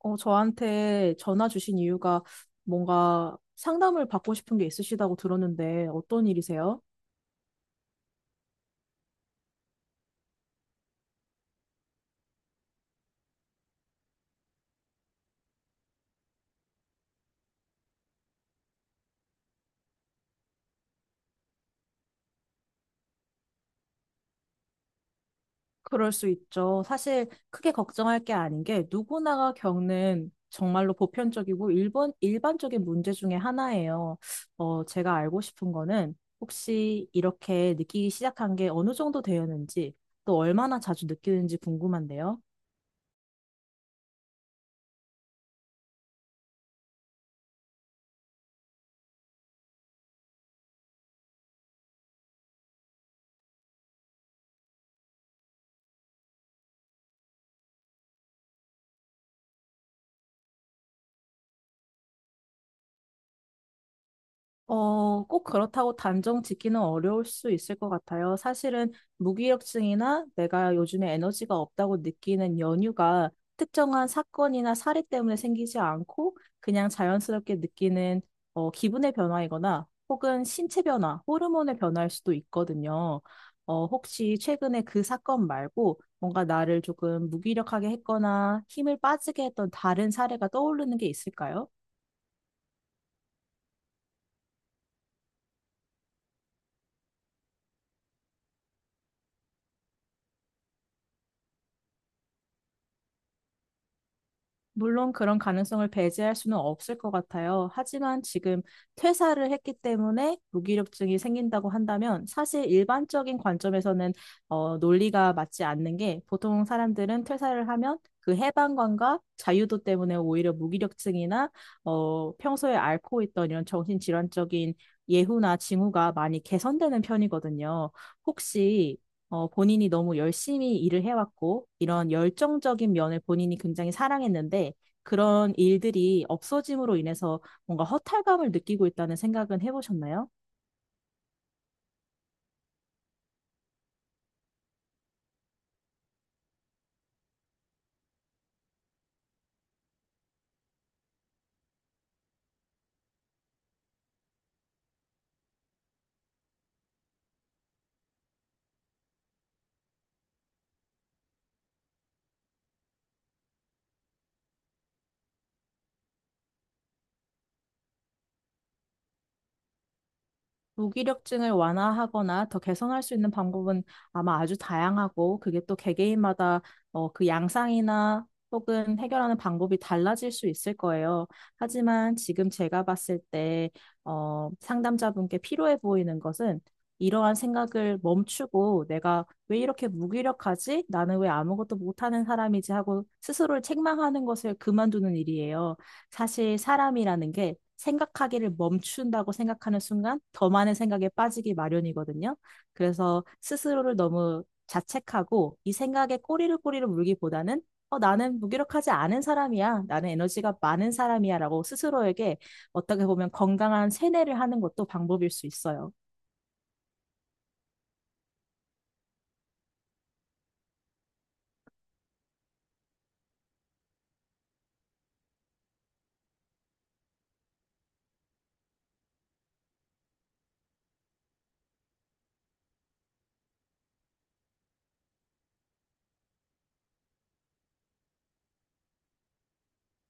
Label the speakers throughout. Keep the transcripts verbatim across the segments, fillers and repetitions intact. Speaker 1: 어, 저한테 전화 주신 이유가 뭔가 상담을 받고 싶은 게 있으시다고 들었는데 어떤 일이세요? 그럴 수 있죠. 사실 크게 걱정할 게 아닌 게 누구나가 겪는 정말로 보편적이고 일본, 일반적인 문제 중에 하나예요. 어, 제가 알고 싶은 거는 혹시 이렇게 느끼기 시작한 게 어느 정도 되었는지 또 얼마나 자주 느끼는지 궁금한데요. 어, 꼭 그렇다고 단정 짓기는 어려울 수 있을 것 같아요. 사실은 무기력증이나 내가 요즘에 에너지가 없다고 느끼는 연유가 특정한 사건이나 사례 때문에 생기지 않고 그냥 자연스럽게 느끼는 어, 기분의 변화이거나 혹은 신체 변화, 호르몬의 변화일 수도 있거든요. 어, 혹시 최근에 그 사건 말고 뭔가 나를 조금 무기력하게 했거나 힘을 빠지게 했던 다른 사례가 떠오르는 게 있을까요? 물론 그런 가능성을 배제할 수는 없을 것 같아요. 하지만 지금 퇴사를 했기 때문에 무기력증이 생긴다고 한다면 사실 일반적인 관점에서는 어, 논리가 맞지 않는 게, 보통 사람들은 퇴사를 하면 그 해방감과 자유도 때문에 오히려 무기력증이나 어, 평소에 앓고 있던 이런 정신질환적인 예후나 징후가 많이 개선되는 편이거든요. 혹시 어, 본인이 너무 열심히 일을 해왔고, 이런 열정적인 면을 본인이 굉장히 사랑했는데, 그런 일들이 없어짐으로 인해서 뭔가 허탈감을 느끼고 있다는 생각은 해보셨나요? 무기력증을 완화하거나 더 개선할 수 있는 방법은 아마 아주 다양하고, 그게 또 개개인마다 어, 그 양상이나 혹은 해결하는 방법이 달라질 수 있을 거예요. 하지만 지금 제가 봤을 때 어, 상담자분께 필요해 보이는 것은 이러한 생각을 멈추고, 내가 왜 이렇게 무기력하지? 나는 왜 아무것도 못하는 사람이지? 하고 스스로를 책망하는 것을 그만두는 일이에요. 사실 사람이라는 게 생각하기를 멈춘다고 생각하는 순간 더 많은 생각에 빠지기 마련이거든요. 그래서 스스로를 너무 자책하고 이 생각에 꼬리를 꼬리를 물기보다는, 어, 나는 무기력하지 않은 사람이야, 나는 에너지가 많은 사람이야, 라고 스스로에게 어떻게 보면 건강한 세뇌를 하는 것도 방법일 수 있어요.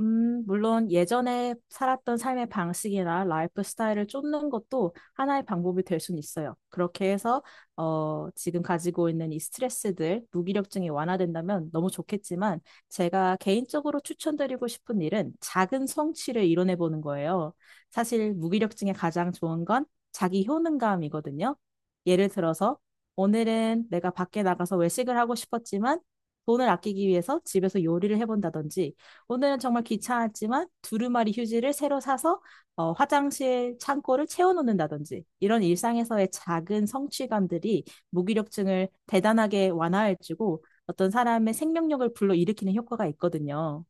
Speaker 1: 음, 물론 예전에 살았던 삶의 방식이나 라이프 스타일을 쫓는 것도 하나의 방법이 될 수는 있어요. 그렇게 해서 어, 지금 가지고 있는 이 스트레스들, 무기력증이 완화된다면 너무 좋겠지만, 제가 개인적으로 추천드리고 싶은 일은 작은 성취를 이뤄내 보는 거예요. 사실 무기력증에 가장 좋은 건 자기 효능감이거든요. 예를 들어서 오늘은 내가 밖에 나가서 외식을 하고 싶었지만 돈을 아끼기 위해서 집에서 요리를 해본다든지, 오늘은 정말 귀찮았지만 두루마리 휴지를 새로 사서 어, 화장실 창고를 채워놓는다든지, 이런 일상에서의 작은 성취감들이 무기력증을 대단하게 완화해주고 어떤 사람의 생명력을 불러일으키는 효과가 있거든요.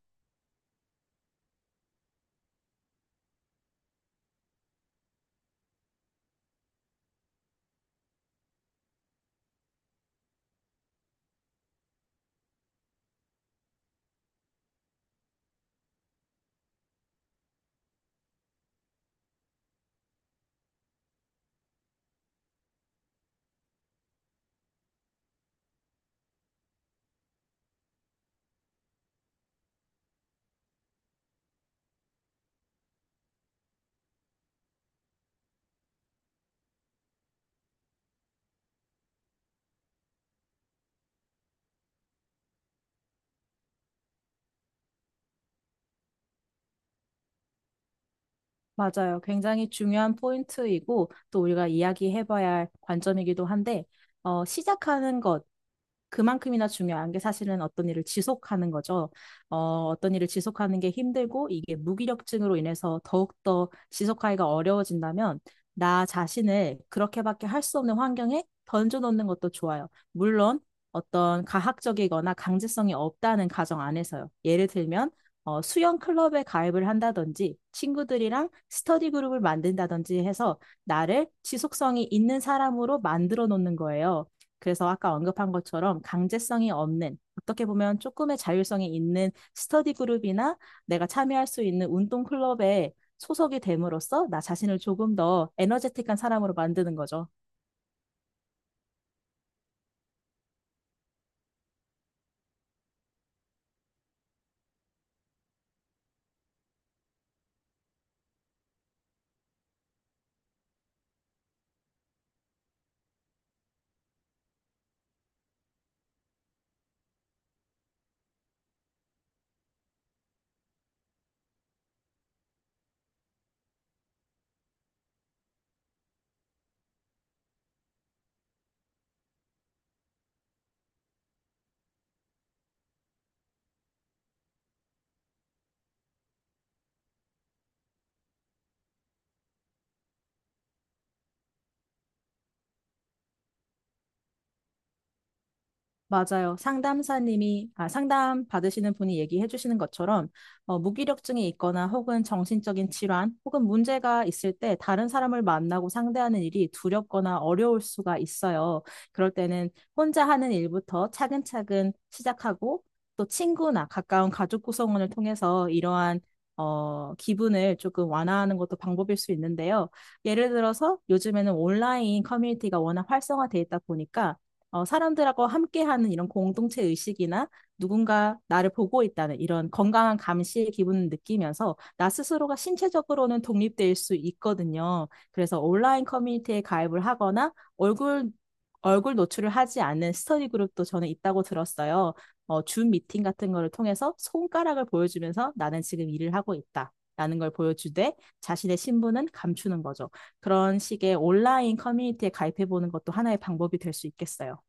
Speaker 1: 맞아요. 굉장히 중요한 포인트이고 또 우리가 이야기해봐야 할 관점이기도 한데, 어, 시작하는 것 그만큼이나 중요한 게 사실은 어떤 일을 지속하는 거죠. 어, 어떤 일을 지속하는 게 힘들고 이게 무기력증으로 인해서 더욱더 지속하기가 어려워진다면, 나 자신을 그렇게밖에 할 수 없는 환경에 던져놓는 것도 좋아요. 물론 어떤 가학적이거나 강제성이 없다는 가정 안에서요. 예를 들면 어, 수영 클럽에 가입을 한다든지, 친구들이랑 스터디 그룹을 만든다든지 해서 나를 지속성이 있는 사람으로 만들어 놓는 거예요. 그래서 아까 언급한 것처럼 강제성이 없는, 어떻게 보면 조금의 자율성이 있는 스터디 그룹이나 내가 참여할 수 있는 운동 클럽에 소속이 됨으로써 나 자신을 조금 더 에너제틱한 사람으로 만드는 거죠. 맞아요. 상담사님이, 아, 상담 받으시는 분이 얘기해 주시는 것처럼, 어, 무기력증이 있거나 혹은 정신적인 질환 혹은 문제가 있을 때 다른 사람을 만나고 상대하는 일이 두렵거나 어려울 수가 있어요. 그럴 때는 혼자 하는 일부터 차근차근 시작하고, 또 친구나 가까운 가족 구성원을 통해서 이러한 어, 기분을 조금 완화하는 것도 방법일 수 있는데요. 예를 들어서 요즘에는 온라인 커뮤니티가 워낙 활성화돼 있다 보니까 어, 사람들하고 함께하는 이런 공동체 의식이나 누군가 나를 보고 있다는 이런 건강한 감시의 기분을 느끼면서 나 스스로가 신체적으로는 독립될 수 있거든요. 그래서 온라인 커뮤니티에 가입을 하거나 얼굴 얼굴 노출을 하지 않는 스터디 그룹도 저는 있다고 들었어요. 어, 줌 미팅 같은 거를 통해서 손가락을 보여주면서, 나는 지금 일을 하고 있다, 라는 걸 보여주되 자신의 신분은 감추는 거죠. 그런 식의 온라인 커뮤니티에 가입해보는 것도 하나의 방법이 될 수 있겠어요.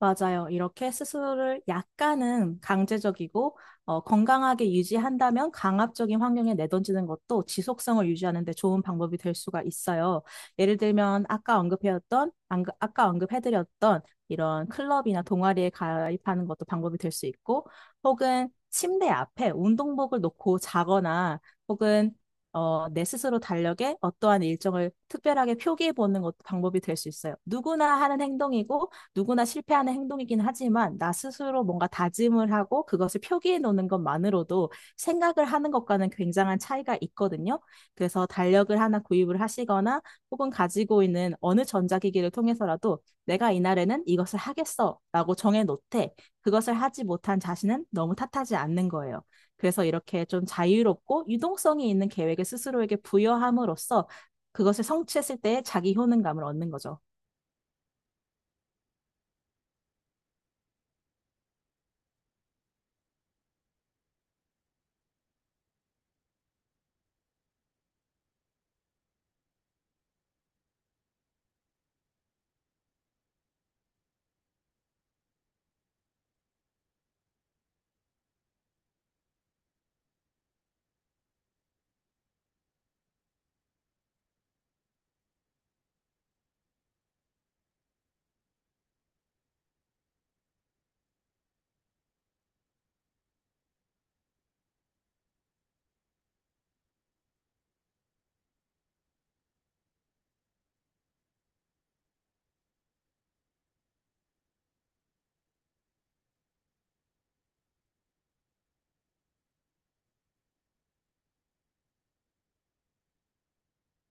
Speaker 1: 맞아요. 이렇게 스스로를 약간은 강제적이고 어, 건강하게 유지한다면 강압적인 환경에 내던지는 것도 지속성을 유지하는 데 좋은 방법이 될 수가 있어요. 예를 들면, 아까 언급해왔던 안그- 아까 언급해드렸던 이런 클럽이나 동아리에 가입하는 것도 방법이 될 수 있고, 혹은 침대 앞에 운동복을 놓고 자거나, 혹은 어, 내 스스로 달력에 어떠한 일정을 특별하게 표기해 보는 것도 방법이 될 수 있어요. 누구나 하는 행동이고 누구나 실패하는 행동이긴 하지만, 나 스스로 뭔가 다짐을 하고 그것을 표기해 놓는 것만으로도 생각을 하는 것과는 굉장한 차이가 있거든요. 그래서 달력을 하나 구입을 하시거나 혹은 가지고 있는 어느 전자기기를 통해서라도, 내가 이날에는 이것을 하겠어라고 정해 놓되 그것을 하지 못한 자신은 너무 탓하지 않는 거예요. 그래서 이렇게 좀 자유롭고 유동성이 있는 계획을 스스로에게 부여함으로써 그것을 성취했을 때의 자기 효능감을 얻는 거죠.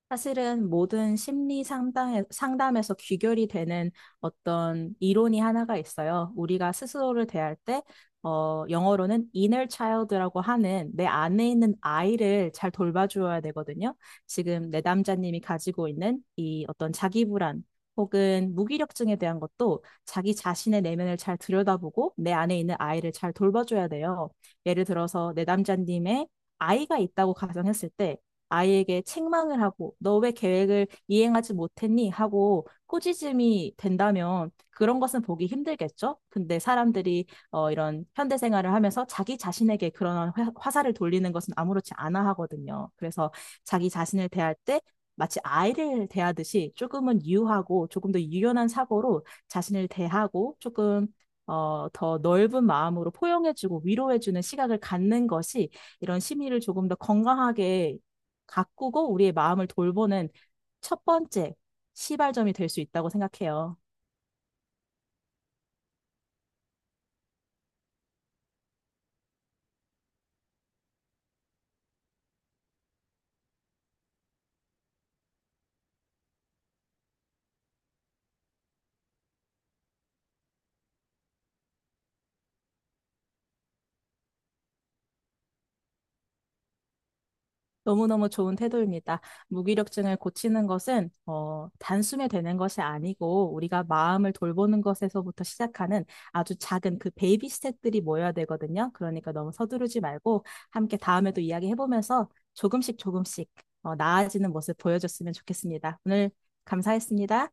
Speaker 1: 사실은 모든 심리 상담에, 상담에서 귀결이 되는 어떤 이론이 하나가 있어요. 우리가 스스로를 대할 때, 어, 영어로는 inner child라고 하는 내 안에 있는 아이를 잘 돌봐줘야 되거든요. 지금 내 남자님이 가지고 있는 이 어떤 자기 불안 혹은 무기력증에 대한 것도 자기 자신의 내면을 잘 들여다보고 내 안에 있는 아이를 잘 돌봐줘야 돼요. 예를 들어서 내 남자님의 아이가 있다고 가정했을 때, 아이에게 책망을 하고 너 왜 계획을 이행하지 못했니? 하고 꾸짖음이 된다면 그런 것은 보기 힘들겠죠? 근데 사람들이 어, 이런 현대 생활을 하면서 자기 자신에게 그런 화- 화살을 돌리는 것은 아무렇지 않아 하거든요. 그래서 자기 자신을 대할 때 마치 아이를 대하듯이 조금은 유하고 조금 더 유연한 사고로 자신을 대하고, 조금 어, 더 넓은 마음으로 포용해주고 위로해주는 시각을 갖는 것이 이런 심리를 조금 더 건강하게 가꾸고 우리의 마음을 돌보는 첫 번째 시발점이 될 수 있다고 생각해요. 너무너무 좋은 태도입니다. 무기력증을 고치는 것은 어, 단숨에 되는 것이 아니고 우리가 마음을 돌보는 것에서부터 시작하는 아주 작은 그 베이비 스텝들이 모여야 되거든요. 그러니까 너무 서두르지 말고 함께 다음에도 이야기해보면서 조금씩 조금씩 어, 나아지는 모습 보여줬으면 좋겠습니다. 오늘 감사했습니다.